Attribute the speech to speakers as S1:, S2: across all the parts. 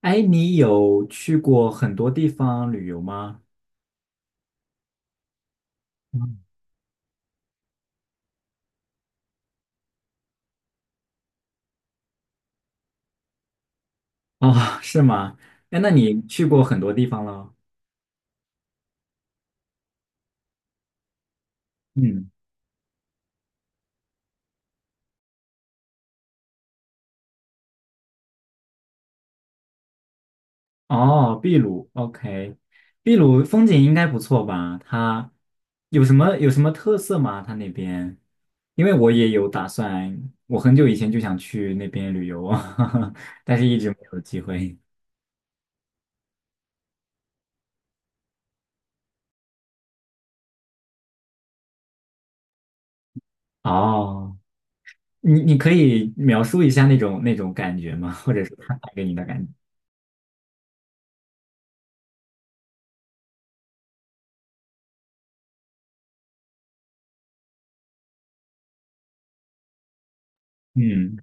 S1: 哎，你有去过很多地方旅游吗？嗯，哦，是吗？哎，那你去过很多地方了？嗯，哦，秘鲁，OK，秘鲁风景应该不错吧？它有什么特色吗？它那边，因为我也有打算，我很久以前就想去那边旅游，但是一直没有机会。哦，你可以描述一下那种感觉吗？或者是他带给你的感觉？嗯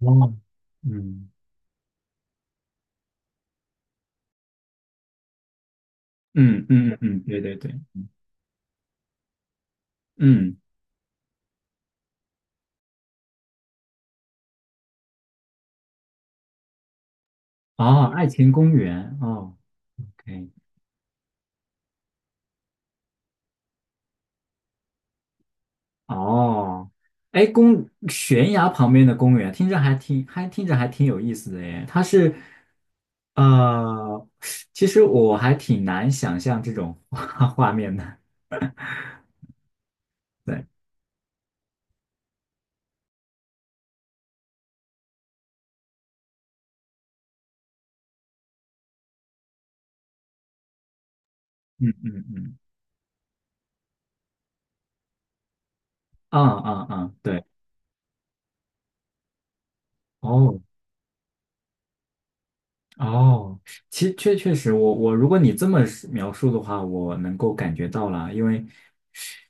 S1: 哦，嗯。嗯嗯嗯嗯，对对对，嗯，哦，爱情公园，哦，OK，哦，哎，公悬崖旁边的公园，听着还挺还听着还挺有意思的耶。它是呃，其实我还挺难想象这种画面的。对，嗯嗯嗯，啊啊啊，对，哦哦，其实确实我，我如果你这么描述的话，我能够感觉到了，因为。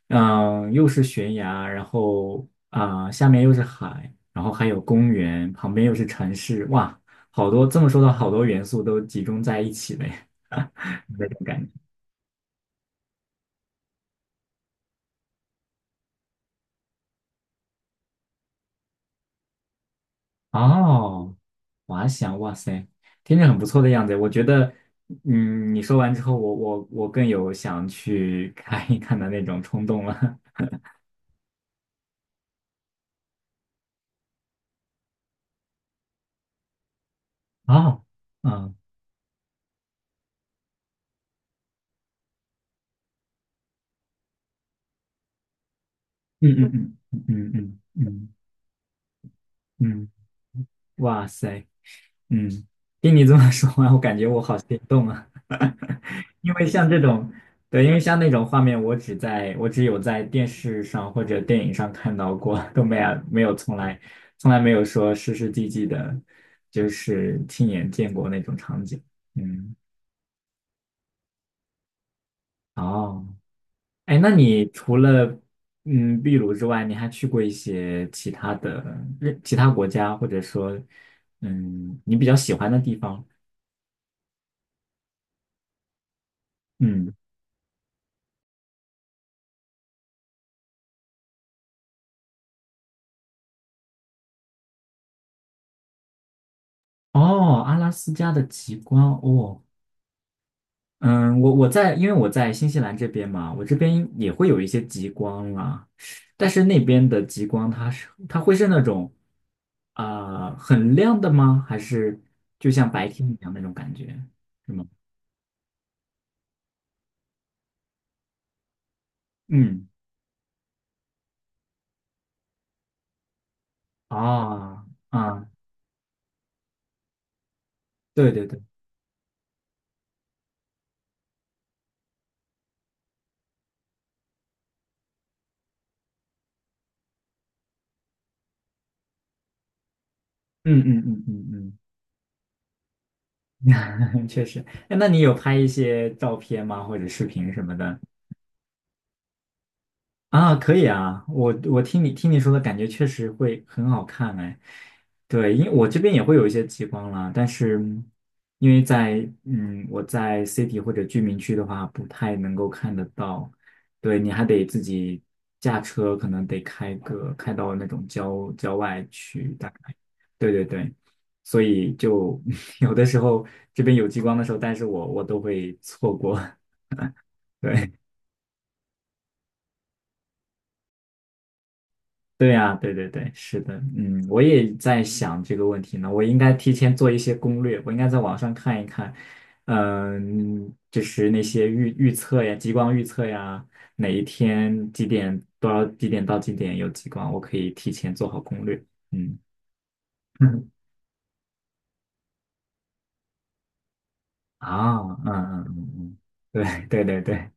S1: 嗯，又是悬崖，然后下面又是海，然后还有公园，旁边又是城市，哇，好多，这么说的好多元素都集中在一起了耶，有那种感觉。哦，滑翔，哇塞，听着很不错的样子。我觉得，嗯，你说完之后，我更有想去看一看的那种冲动了。哦，嗯嗯嗯嗯嗯嗯嗯，哇塞，嗯，听你这么说完，我感觉我好心动啊！因为像这种，对，因为像那种画面，我只有在电视上或者电影上看到过，都没有从来没有说实际的，就是亲眼见过那种场景。嗯，哦，哎，那你除了秘鲁之外，你还去过一些其他的其他国家，或者说你比较喜欢的地方？嗯。哦，阿拉斯加的极光哦，嗯，我我在，因为我在新西兰这边嘛，我这边也会有一些极光啦，但是那边的极光它会是那种啊、很亮的吗？还是就像白天一样那种感觉，是吗？嗯，啊啊，对对对，嗯嗯嗯嗯嗯，确实。哎，那你有拍一些照片吗？或者视频什么的？啊，可以啊，我听你说的感觉确实会很好看哎，对，因为我这边也会有一些极光啦，但是因为我在 city 或者居民区的话，不太能够看得到，对，你还得自己驾车，可能得开到那种郊外去，大概，对对对，所以就 有的时候这边有极光的时候，但是我都会错过，对，对呀，对对对，是的，嗯，我也在想这个问题呢。我应该提前做一些攻略，我应该在网上看一看，嗯，就是那些预测呀，极光预测呀，哪一天几点到几点有极光，我可以提前做好攻略。嗯，啊，嗯嗯嗯嗯，对对对对，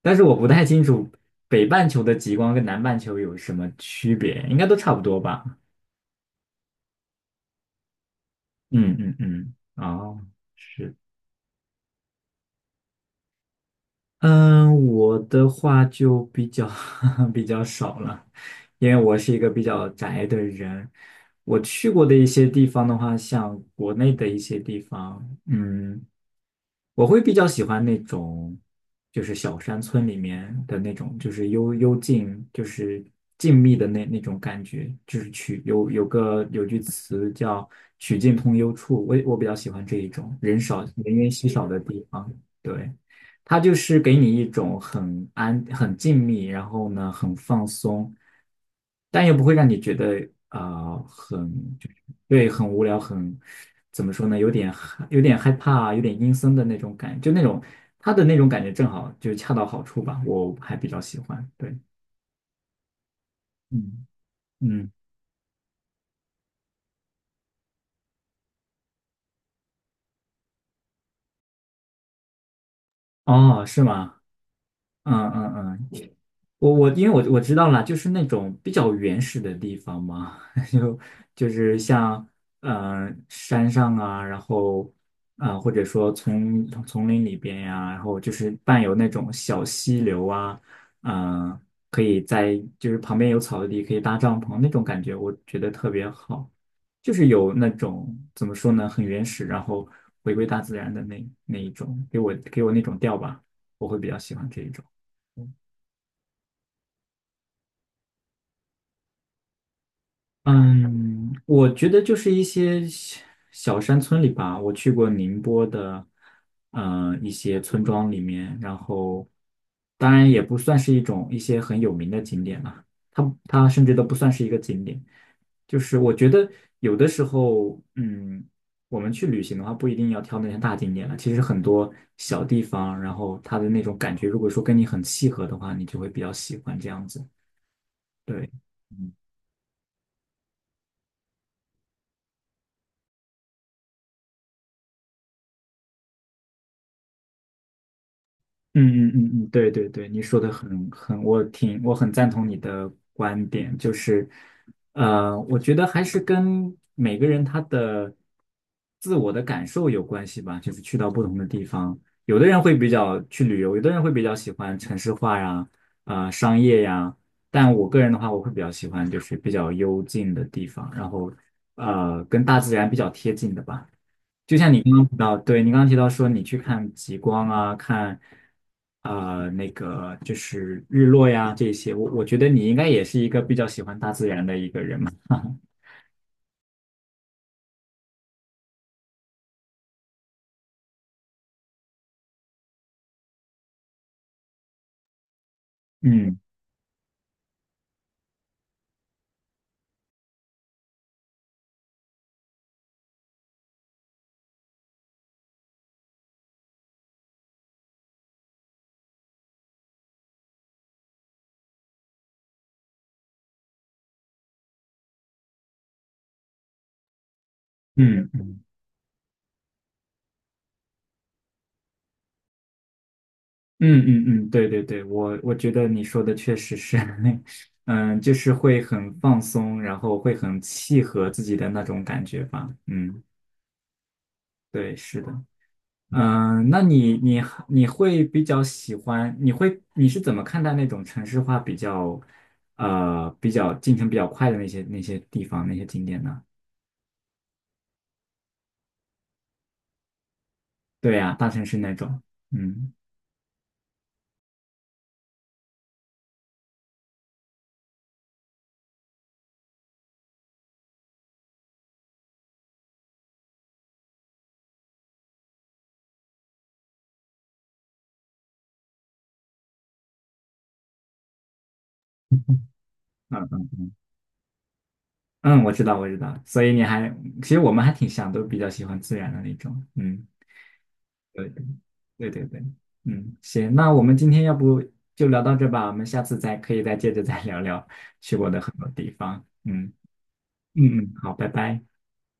S1: 但是我不太清楚北半球的极光跟南半球有什么区别，应该都差不多吧？嗯嗯嗯，哦。是嗯，我的话就比较 比较少了，因为我是一个比较宅的人。我去过的一些地方的话，像国内的一些地方，嗯。我会比较喜欢那种，就是小山村里面的那种，就是幽静，就是静谧的那种感觉。就是曲有有个有句词叫"曲径通幽处"，我比较喜欢这一种人少人烟稀少的地方。对，它就是给你一种很安、很静谧，然后呢很放松，但又不会让你觉得很就是对很无聊，很怎么说呢，有点害怕，有点阴森的那种感，就那种他的那种感觉正好就恰到好处吧，我还比较喜欢。对，嗯嗯，哦，是吗？嗯嗯嗯，因为我知道了，就是那种比较原始的地方嘛，就就是像山上啊，然后或者说丛林里边呀、然后就是伴有那种小溪流啊，嗯、可以在就是旁边有草地可以搭帐篷那种感觉，我觉得特别好，就是有那种怎么说呢，很原始，然后回归大自然的那一种，给我那种调吧，我会比较喜欢这一种。嗯，我觉得就是一些小山村里吧，我去过宁波的，一些村庄里面，然后当然也不算是一些很有名的景点了，它甚至都不算是一个景点，就是我觉得有的时候，嗯，我们去旅行的话，不一定要挑那些大景点了，其实很多小地方，然后它的那种感觉，如果说跟你很契合的话，你就会比较喜欢这样子，对。嗯嗯嗯嗯，对对对，你说的很，我很赞同你的观点，就是，我觉得还是跟每个人他的自我的感受有关系吧，就是去到不同的地方，有的人会比较去旅游，有的人会比较喜欢城市化呀，商业呀，但我个人的话，我会比较喜欢就是比较幽静的地方，然后跟大自然比较贴近的吧。就像你刚刚提到，对你刚刚提到说你去看极光啊，看那个就是日落呀这些，我觉得你应该也是一个比较喜欢大自然的一个人嘛。嗯嗯嗯嗯嗯，对对对，我觉得你说的确实是，嗯，就是会很放松，然后会很契合自己的那种感觉吧。嗯，对，是的。嗯，那你会比较喜欢？你是怎么看待那种城市化比较，比较进程比较快的那些地方那些景点呢？对呀，大城市那种，嗯嗯嗯，我知道我知道，所以其实我们还挺像，都比较喜欢自然的那种，嗯，对对对，嗯，行，那我们今天要不就聊到这吧，我们下次再可以再接着再聊聊去过的很多地方，嗯嗯嗯，好，拜拜。